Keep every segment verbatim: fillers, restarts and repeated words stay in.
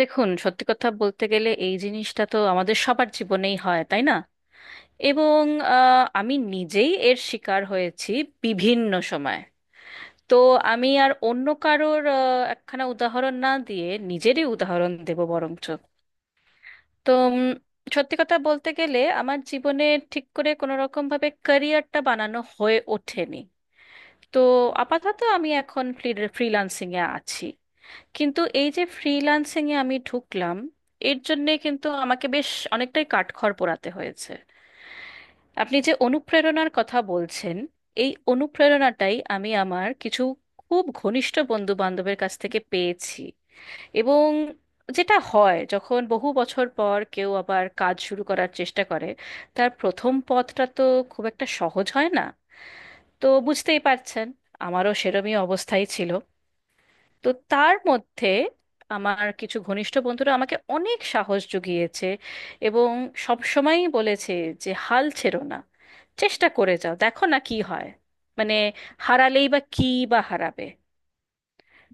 দেখুন, সত্যি কথা বলতে গেলে এই জিনিসটা তো আমাদের সবার জীবনেই হয়, তাই না? এবং আহ, আমি নিজেই এর শিকার হয়েছি বিভিন্ন সময়। তো আমি আর অন্য কারোর আহ, একখানা উদাহরণ না দিয়ে নিজেরই উদাহরণ দেব বরঞ্চ। তো উম, সত্যি কথা বলতে গেলে আমার জীবনে ঠিক করে কোনো রকম ভাবে ক্যারিয়ারটা বানানো হয়ে ওঠেনি। তো আপাতত আমি এখন ফ্রিল্যান্সিং এ আছি, কিন্তু এই যে ফ্রিল্যান্সিং এ আমি ঢুকলাম, এর জন্যে কিন্তু আমাকে বেশ অনেকটাই কাঠখড় পোড়াতে হয়েছে। আপনি যে অনুপ্রেরণার কথা বলছেন, এই অনুপ্রেরণাটাই আমি আমার কিছু খুব ঘনিষ্ঠ বন্ধু বান্ধবের কাছ থেকে পেয়েছি। এবং যেটা হয়, যখন বহু বছর পর কেউ আবার কাজ শুরু করার চেষ্টা করে, তার প্রথম পথটা তো খুব একটা সহজ হয় না। তো বুঝতেই পারছেন, আমারও সেরমই অবস্থাই ছিল। তো তার মধ্যে আমার কিছু ঘনিষ্ঠ বন্ধুরা আমাকে অনেক সাহস জুগিয়েছে এবং সবসময়ই বলেছে যে হাল ছেড়ো না, চেষ্টা করে যাও, দেখো না কি হয়। মানে হারালেই বা কি, বা হারাবে।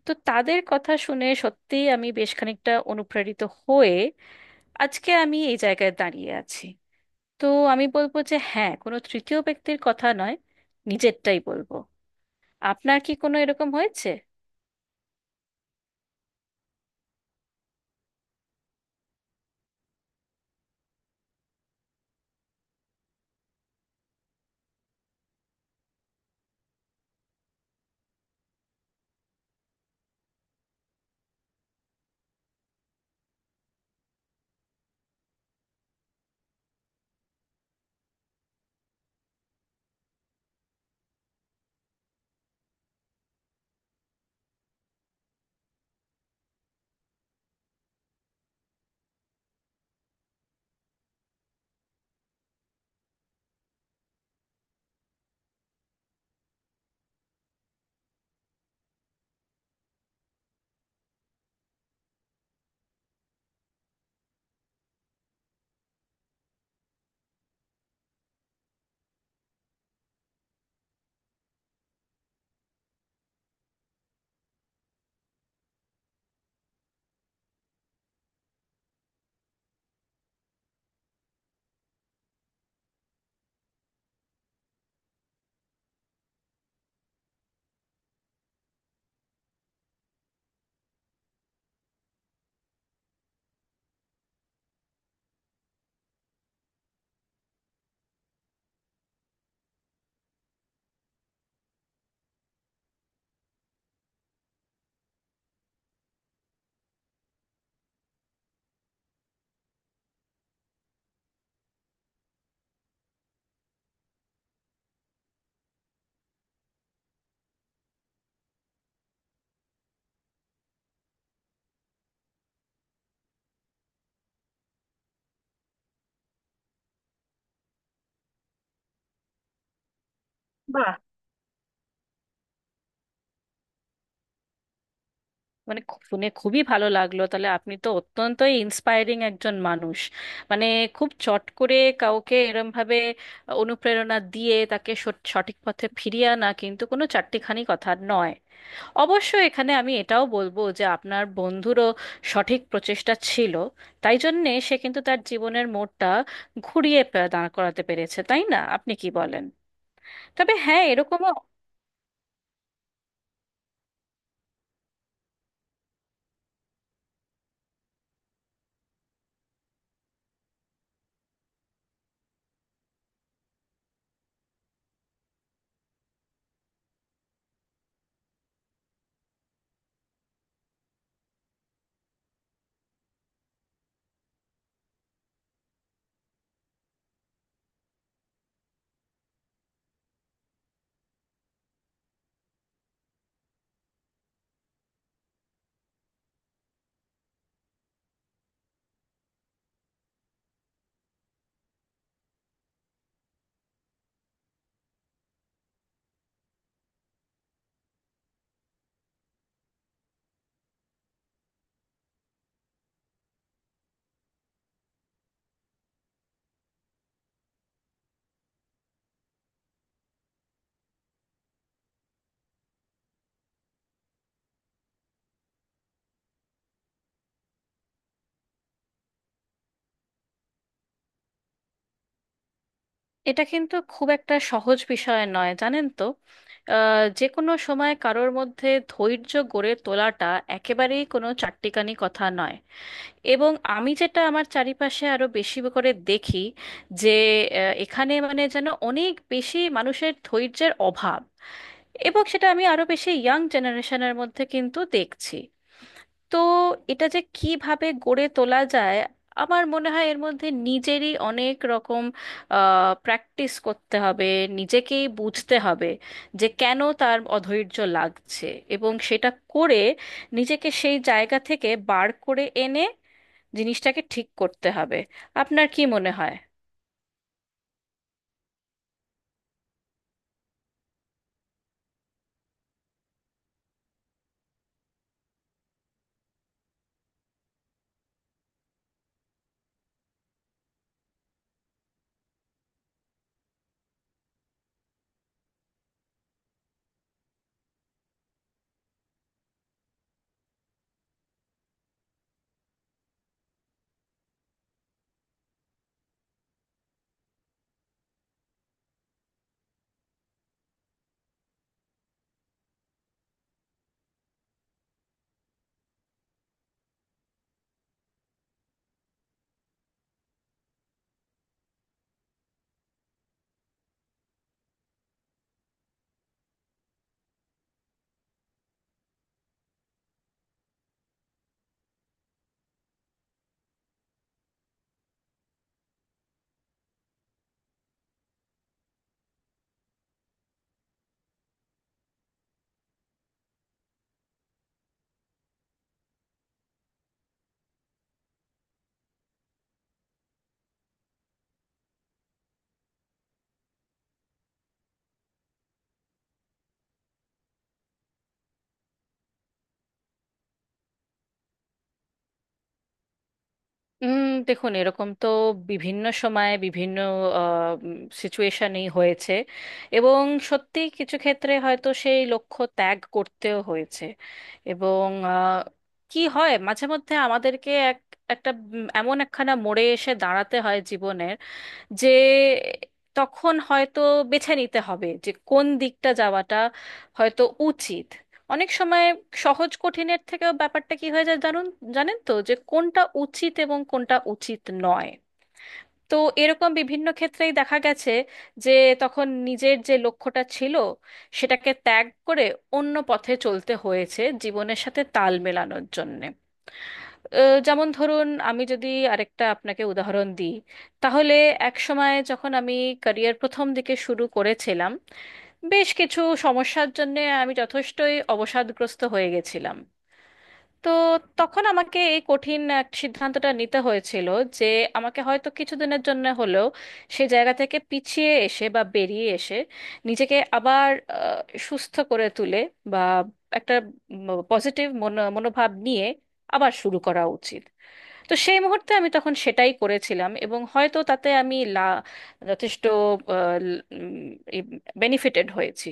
তো তাদের কথা শুনে সত্যিই আমি বেশ খানিকটা অনুপ্রাণিত হয়ে আজকে আমি এই জায়গায় দাঁড়িয়ে আছি। তো আমি বলবো যে হ্যাঁ, কোনো তৃতীয় ব্যক্তির কথা নয়, নিজেরটাই বলবো। আপনার কি কোনো এরকম হয়েছে? মানে খু- শুনে খুবই ভালো লাগলো। তাহলে আপনি তো অত্যন্তই ইন্সপায়ারিং একজন মানুষ। মানে খুব চট করে কাউকে এরম ভাবে অনুপ্রেরণা দিয়ে তাকে সঠ- সঠিক পথে ফিরিয়ে আনা কিন্তু কোনো চারটিখানি কথা নয়। অবশ্য এখানে আমি এটাও বলবো যে আপনার বন্ধুরও সঠিক প্রচেষ্টা ছিল, তাই জন্যে সে কিন্তু তার জীবনের মোড়টা ঘুরিয়ে পে- দাঁড় করাতে পেরেছে। তাই না, আপনি কি বলেন? তবে হ্যাঁ, এরকমও এটা কিন্তু খুব একটা সহজ বিষয় নয়, জানেন তো। আহ, যে কোনো সময় কারোর মধ্যে ধৈর্য গড়ে তোলাটা একেবারেই কোনো চাট্টিখানি কথা নয়। এবং আমি যেটা আমার চারিপাশে আরো বেশি করে দেখি যে আহ, এখানে মানে যেন অনেক বেশি মানুষের ধৈর্যের অভাব, এবং সেটা আমি আরো বেশি ইয়াং জেনারেশনের মধ্যে কিন্তু দেখছি। তো এটা যে কিভাবে গড়ে তোলা যায়, আমার মনে হয় এর মধ্যে নিজেরই অনেক রকম প্র্যাকটিস করতে হবে, নিজেকেই বুঝতে হবে যে কেন তার অধৈর্য লাগছে, এবং সেটা করে নিজেকে সেই জায়গা থেকে বার করে এনে জিনিসটাকে ঠিক করতে হবে। আপনার কি মনে হয়? উম, দেখুন, এরকম তো বিভিন্ন সময়ে বিভিন্ন সিচুয়েশনেই হয়েছে, এবং সত্যি কিছু ক্ষেত্রে হয়তো সেই লক্ষ্য ত্যাগ করতেও হয়েছে। এবং আহ, কি হয়, মাঝে মধ্যে আমাদেরকে এক একটা উম, এমন একখানা মোড়ে এসে দাঁড়াতে হয় জীবনে, যে তখন হয়তো বেছে নিতে হবে যে কোন দিকটা যাওয়াটা হয়তো উচিত। অনেক সময় সহজ কঠিনের থেকেও ব্যাপারটা কি হয়ে যায় জানুন, জানেন তো, যে কোনটা উচিত এবং কোনটা উচিত নয়। তো এরকম বিভিন্ন ক্ষেত্রেই দেখা গেছে যে তখন নিজের যে লক্ষ্যটা ছিল, সেটাকে ত্যাগ করে অন্য পথে চলতে হয়েছে জীবনের সাথে তাল মেলানোর জন্য। আহ, যেমন ধরুন, আমি যদি আরেকটা আপনাকে উদাহরণ দিই, তাহলে এক সময় যখন আমি ক্যারিয়ার প্রথম দিকে শুরু করেছিলাম, বেশ কিছু সমস্যার জন্য আমি যথেষ্টই অবসাদগ্রস্ত হয়ে গেছিলাম। তো তখন আমাকে এই কঠিন এক সিদ্ধান্তটা নিতে হয়েছিল যে আমাকে হয়তো কিছুদিনের জন্য হলেও সেই জায়গা থেকে পিছিয়ে এসে বা বেরিয়ে এসে নিজেকে আবার আহ, সুস্থ করে তুলে বা একটা পজিটিভ মনোভাব নিয়ে আবার শুরু করা উচিত। তো সেই মুহূর্তে আমি তখন সেটাই করেছিলাম, এবং হয়তো তাতে আমি লা যথেষ্ট বেনিফিটেড হয়েছি।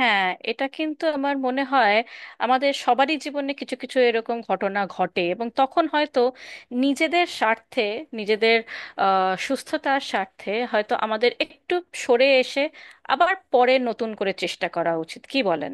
হ্যাঁ, এটা কিন্তু আমার মনে হয় আমাদের সবারই জীবনে কিছু কিছু এরকম ঘটনা ঘটে, এবং তখন হয়তো নিজেদের স্বার্থে, নিজেদের আহ, সুস্থতার স্বার্থে হয়তো আমাদের একটু সরে এসে আবার পরে নতুন করে চেষ্টা করা উচিত। কি বলেন?